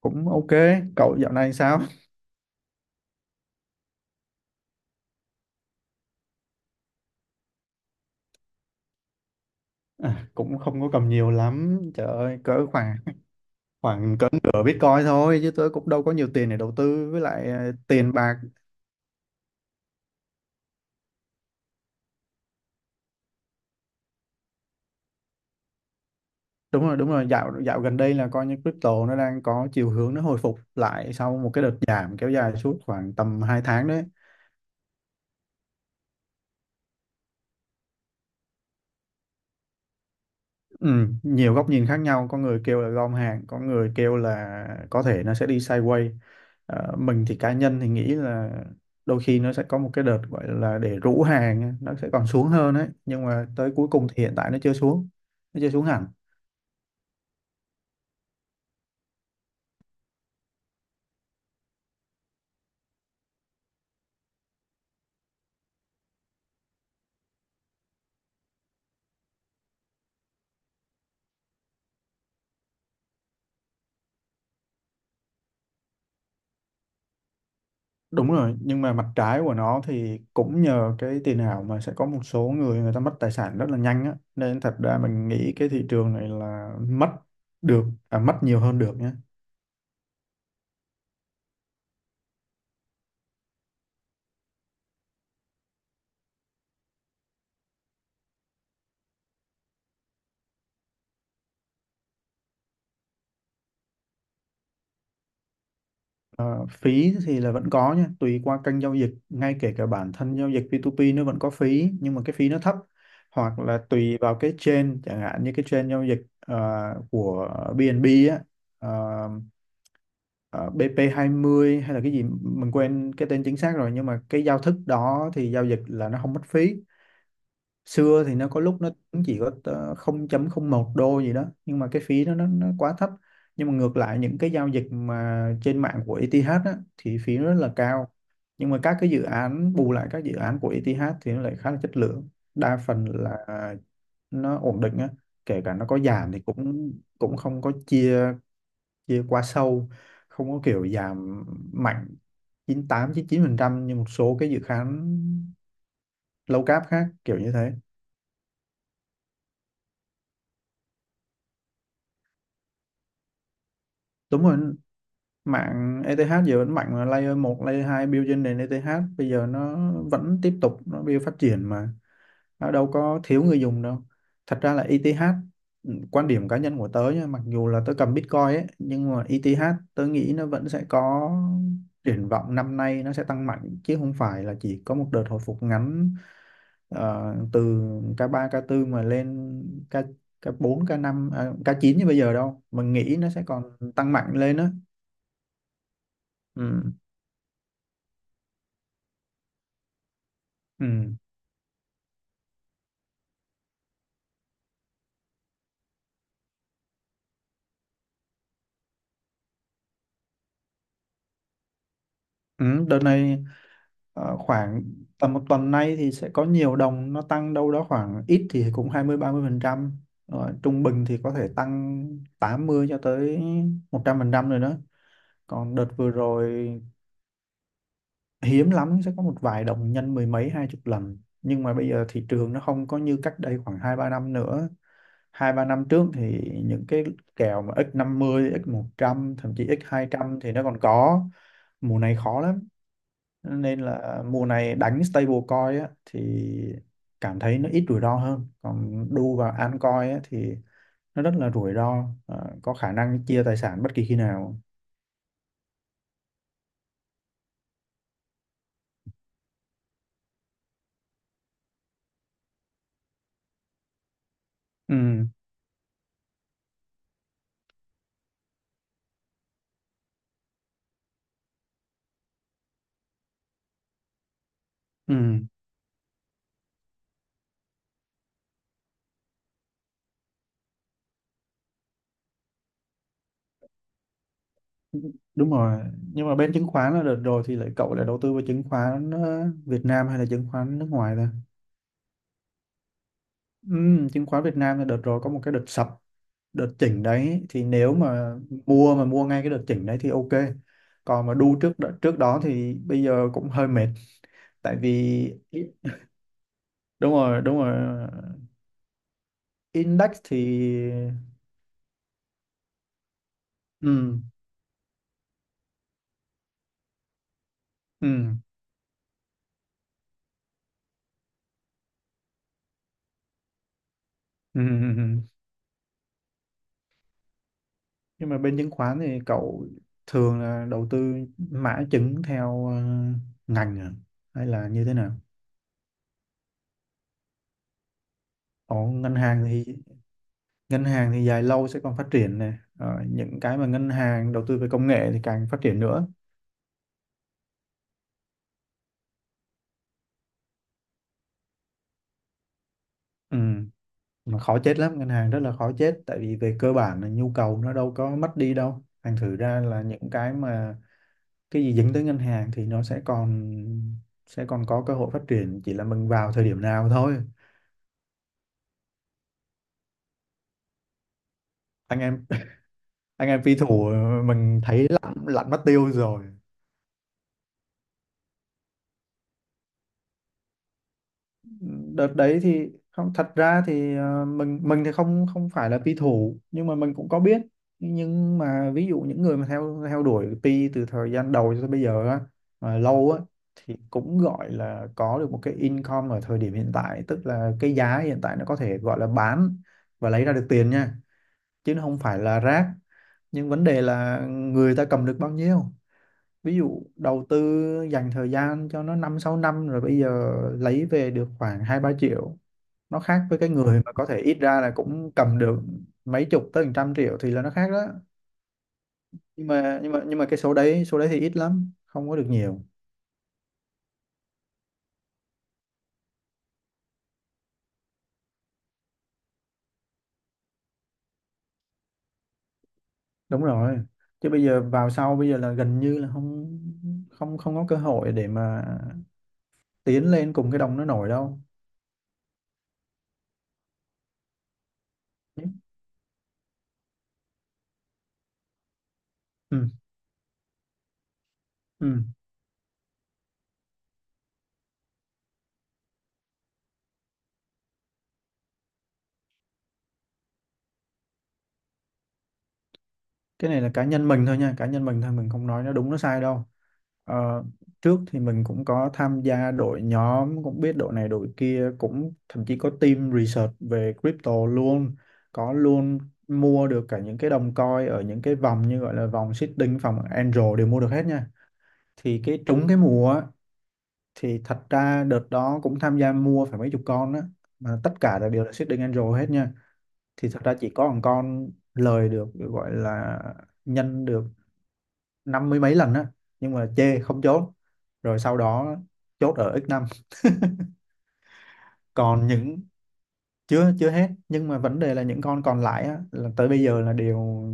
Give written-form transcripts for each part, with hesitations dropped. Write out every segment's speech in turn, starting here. Cũng ok. Cậu dạo này sao? À, cũng không có cầm nhiều lắm, trời ơi, cỡ khoảng khoảng cỡ nửa Bitcoin thôi chứ tôi cũng đâu có nhiều tiền để đầu tư với lại tiền bạc. Đúng rồi, đúng rồi, dạo dạo gần đây là coi như crypto nó đang có chiều hướng nó hồi phục lại sau một cái đợt giảm kéo dài suốt khoảng tầm 2 tháng đấy. Ừ, nhiều góc nhìn khác nhau, có người kêu là gom hàng, có người kêu là có thể nó sẽ đi sideways. Mình thì cá nhân thì nghĩ là đôi khi nó sẽ có một cái đợt gọi là để rũ hàng á, nó sẽ còn xuống hơn ấy nhưng mà tới cuối cùng thì hiện tại nó chưa xuống, nó chưa xuống hẳn. Đúng rồi, nhưng mà mặt trái của nó thì cũng nhờ cái tiền ảo mà sẽ có một số người người ta mất tài sản rất là nhanh á, nên thật ra mình nghĩ cái thị trường này là mất nhiều hơn được nhé. Ờ, Phí thì là vẫn có nha, tùy qua kênh giao dịch, ngay kể cả bản thân giao dịch P2P nó vẫn có phí, nhưng mà cái phí nó thấp, hoặc là tùy vào cái chain, chẳng hạn như cái chain giao dịch của BNB á, ờ, ờ, BP20 hay là cái gì mình quên cái tên chính xác rồi, nhưng mà cái giao thức đó thì giao dịch là nó không mất phí. Xưa thì nó có lúc nó cũng chỉ có 0,01 đô gì đó nhưng mà cái phí nó quá thấp. Nhưng mà ngược lại những cái giao dịch mà trên mạng của ETH á, thì phí nó rất là cao. Nhưng mà các cái dự án bù lại, các dự án của ETH thì nó lại khá là chất lượng, đa phần là nó ổn định á, kể cả nó có giảm thì cũng cũng không có chia chia quá sâu, không có kiểu giảm mạnh 98 99 phần trăm như một số cái dự án low cap khác kiểu như thế. Đúng rồi, mạng ETH giờ vẫn mạnh mà, layer một layer 2 build trên nền ETH bây giờ nó vẫn tiếp tục nó build phát triển mà, nó đâu có thiếu người dùng đâu. Thật ra là ETH, ừ, quan điểm cá nhân của tớ nha, mặc dù là tớ cầm Bitcoin ấy nhưng mà ETH tớ nghĩ nó vẫn sẽ có triển vọng năm nay, nó sẽ tăng mạnh chứ không phải là chỉ có một đợt hồi phục ngắn. Từ ca ba ca tư mà lên ca ca bốn ca năm à, K9 như bây giờ đâu, mình nghĩ nó sẽ còn tăng mạnh lên á. Ừ. Ừ. Ừ. Đợt này khoảng tầm một tuần nay thì sẽ có nhiều đồng nó tăng đâu đó, khoảng ít thì cũng 20 30% rồi, trung bình thì có thể tăng 80 cho tới 100% rồi đó. Còn đợt vừa rồi hiếm lắm sẽ có một vài đồng nhân mười mấy hai chục lần, nhưng mà bây giờ thị trường nó không có như cách đây khoảng 2 3 năm nữa. Hai ba năm trước thì những cái kèo mà x 50 x 100 thậm chí x 200 thì nó còn có, mùa này khó lắm. Nên là mùa này đánh stablecoin á, thì cảm thấy nó ít rủi ro hơn, còn đu vào altcoin á, thì nó rất là rủi ro. Ờ, có khả năng chia tài sản bất kỳ khi nào. Ừ, ừ, đúng rồi. Nhưng mà bên chứng khoán là đợt rồi thì lại cậu lại đầu tư vào chứng khoán Việt Nam hay là chứng khoán nước ngoài ta? Ừ, chứng khoán Việt Nam là đợt rồi có một cái đợt sập, đợt chỉnh đấy thì nếu mà mua ngay cái đợt chỉnh đấy thì ok, còn mà đu trước trước đó thì bây giờ cũng hơi mệt, tại vì. Đúng rồi, đúng rồi, index thì. Ừ, ừ, ừ, ừ. Ừ. Nhưng mà bên chứng khoán thì cậu thường là đầu tư mã chứng theo ngành à? Hay là như thế nào? Ở ngân hàng thì Ngân hàng thì dài lâu sẽ còn phát triển này. Ờ, những cái mà ngân hàng đầu tư về công nghệ thì càng phát triển nữa. Ừ. Mà khó chết lắm, ngân hàng rất là khó chết, tại vì về cơ bản là nhu cầu nó đâu có mất đi đâu, thành thử ra là những cái mà cái gì dính tới ngân hàng thì nó sẽ còn có cơ hội phát triển, chỉ là mình vào thời điểm nào thôi. Anh em anh em phi thủ mình thấy lặn lặn mất tiêu rồi. Đợt đấy thì không, thật ra thì mình thì không không phải là pi thủ nhưng mà mình cũng có biết. Nhưng mà ví dụ những người mà theo theo đuổi pi từ thời gian đầu cho tới bây giờ á, mà lâu á, thì cũng gọi là có được một cái income ở thời điểm hiện tại, tức là cái giá hiện tại nó có thể gọi là bán và lấy ra được tiền nha, chứ nó không phải là rác. Nhưng vấn đề là người ta cầm được bao nhiêu, ví dụ đầu tư dành thời gian cho nó 5 6 năm rồi bây giờ lấy về được khoảng 2 3 triệu, nó khác với cái người mà có thể ít ra là cũng cầm được mấy chục tới hàng trăm triệu thì là nó khác đó. Nhưng mà cái số đấy, số đấy thì ít lắm, không có được nhiều. Đúng rồi, chứ bây giờ vào sau bây giờ là gần như là không không không có cơ hội để mà tiến lên cùng cái đồng nó nổi đâu. Ừ, ừ. Cái này là cá nhân mình thôi nha, cá nhân mình thôi, mình không nói nó đúng nó sai đâu. Ờ, Trước thì mình cũng có tham gia đội nhóm, cũng biết đội này đội kia, cũng thậm chí có team research về crypto luôn, có luôn. Mua được cả những cái đồng coin ở những cái vòng như gọi là vòng seeding vòng angel đều mua được hết nha. Thì cái trúng cái mùa á, thì thật ra đợt đó cũng tham gia mua phải mấy chục con á, mà tất cả là đều là seeding angel hết nha. Thì thật ra chỉ có một con lời được, gọi là nhân được 50 mấy lần á, nhưng mà chê không chốt, rồi sau đó chốt ở x năm. Còn những chưa chưa hết, nhưng mà vấn đề là những con còn lại á, là tới bây giờ là đều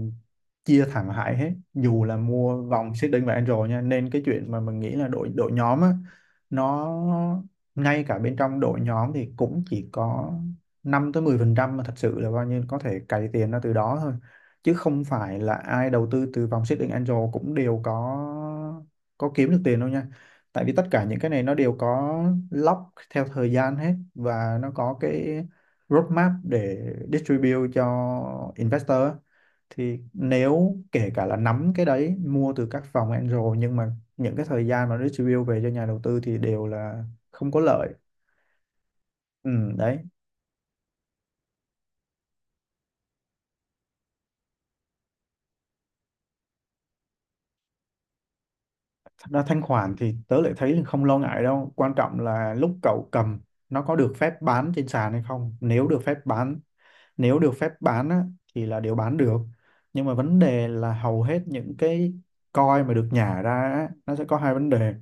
chia thẳng hại hết dù là mua vòng xích đinh và Android nha, nên cái chuyện mà mình nghĩ là đội đội nhóm á, nó ngay cả bên trong đội nhóm thì cũng chỉ có 5 tới 10% mà thật sự là bao nhiêu có thể cày tiền ra từ đó thôi, chứ không phải là ai đầu tư từ vòng xích đinh Android cũng đều có kiếm được tiền đâu nha. Tại vì tất cả những cái này nó đều có lock theo thời gian hết và nó có cái roadmap để distribute cho investor á, thì nếu kể cả là nắm cái đấy, mua từ các phòng angel, nhưng mà những cái thời gian mà distribute về cho nhà đầu tư thì đều là không có lợi. Ừ, đấy. Thật ra thanh khoản thì tớ lại thấy là không lo ngại đâu, quan trọng là lúc cậu cầm nó có được phép bán trên sàn hay không. Nếu được phép bán á, thì là đều bán được. Nhưng mà vấn đề là hầu hết những cái coin mà được nhả ra á, nó sẽ có hai vấn đề.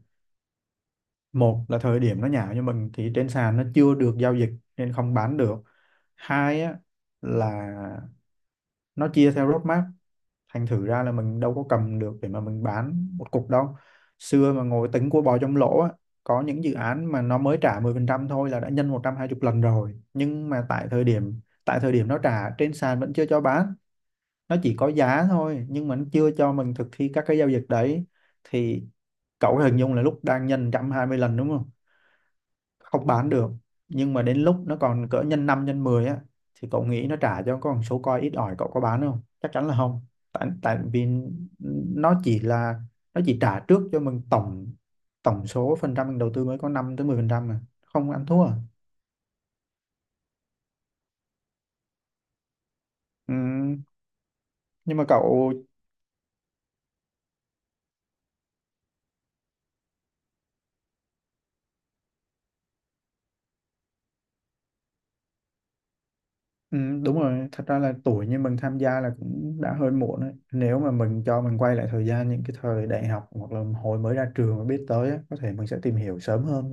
Một là thời điểm nó nhảo như mình thì trên sàn nó chưa được giao dịch, nên không bán được. Hai á, là nó chia theo roadmap, thành thử ra là mình đâu có cầm được để mà mình bán một cục đâu. Xưa mà ngồi tính của bò trong lỗ á, có những dự án mà nó mới trả 10% thôi là đã nhân 120 lần rồi, nhưng mà tại thời điểm nó trả, trên sàn vẫn chưa cho bán, nó chỉ có giá thôi nhưng mà nó chưa cho mình thực thi các cái giao dịch đấy. Thì cậu hình dung là lúc đang nhân 120 lần đúng không, không bán được. Nhưng mà đến lúc nó còn cỡ nhân 5 nhân 10 á thì cậu nghĩ nó trả cho con số coi ít ỏi, cậu có bán không? Chắc chắn là không. Tại Tại vì nó chỉ là nó chỉ trả trước cho mình tổng tổng số phần trăm mình đầu tư mới có 5 tới 10% mà, không ăn thua à. Ừ, nhưng mà cậu. Ừ, đúng rồi, thật ra là tuổi như mình tham gia là cũng đã hơi muộn đấy, nếu mà mình cho mình quay lại thời gian những cái thời đại học hoặc là hồi mới ra trường mà biết tới á, có thể mình sẽ tìm hiểu sớm hơn.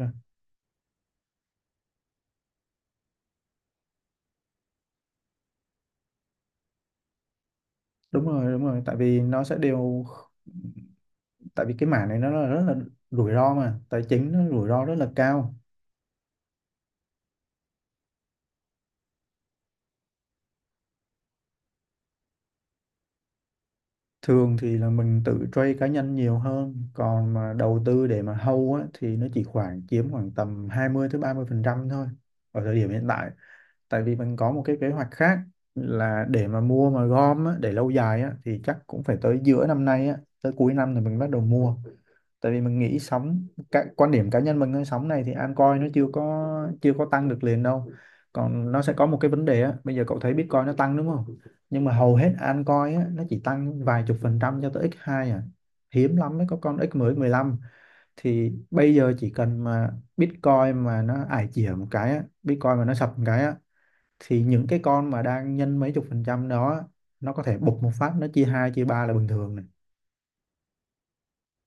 Đúng rồi, đúng rồi, tại vì cái mảng này nó là rất là rủi ro, mà tài chính nó rủi ro rất là cao. Thường thì là mình tự trade cá nhân nhiều hơn, còn mà đầu tư để mà hold á, thì nó chỉ khoảng chiếm khoảng tầm 20 tới 30% thôi ở thời điểm hiện tại. Tại vì mình có một cái kế hoạch khác là để mà mua mà gom á, để lâu dài á, thì chắc cũng phải tới giữa năm nay á, tới cuối năm thì mình bắt đầu mua. Tại vì mình nghĩ sóng, cái quan điểm cá nhân mình thôi, sóng này thì altcoin nó chưa có tăng được liền đâu. Còn nó sẽ có một cái vấn đề á, bây giờ cậu thấy Bitcoin nó tăng đúng không, nhưng mà hầu hết altcoin á nó chỉ tăng vài chục phần trăm cho tới x2 à, hiếm lắm mới có con x mười mười lăm. Thì bây giờ chỉ cần mà Bitcoin mà nó sập một cái á, thì những cái con mà đang nhân mấy chục phần trăm đó nó có thể bục một phát, nó chia hai chia ba là bình thường này.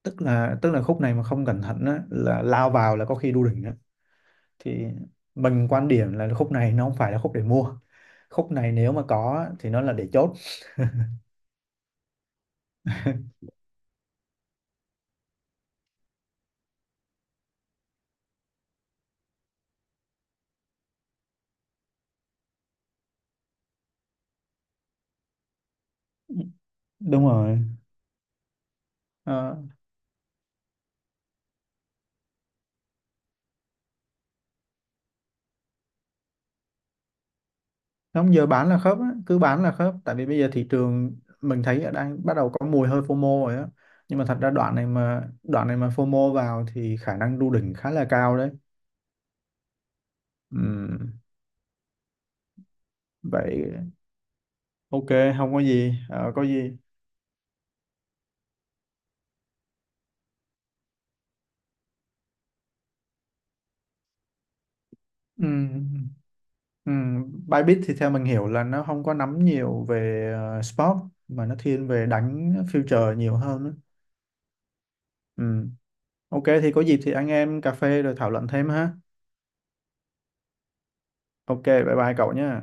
Tức là khúc này mà không cẩn thận á, là lao vào là có khi đu đỉnh á. Thì mình quan điểm là khúc này nó không phải là khúc để mua, khúc này nếu mà có á, thì nó là để chốt. Đúng rồi. Ờ, nó không, giờ bán là khớp á, cứ bán là khớp, tại vì bây giờ thị trường mình thấy đang bắt đầu có mùi hơi FOMO rồi á. Nhưng mà thật ra đoạn này mà FOMO vào thì khả năng đu đỉnh khá là cao đấy. Ừm, Vậy. Ok, không có gì, có gì. Ừ, ừ. Ừ, Bybit thì theo mình hiểu là nó không có nắm nhiều về sport, mà nó thiên về đánh future nhiều hơn á. Ừ. Ok thì có dịp thì anh em cà phê rồi thảo luận thêm ha. Ok, bye bye cậu nhé.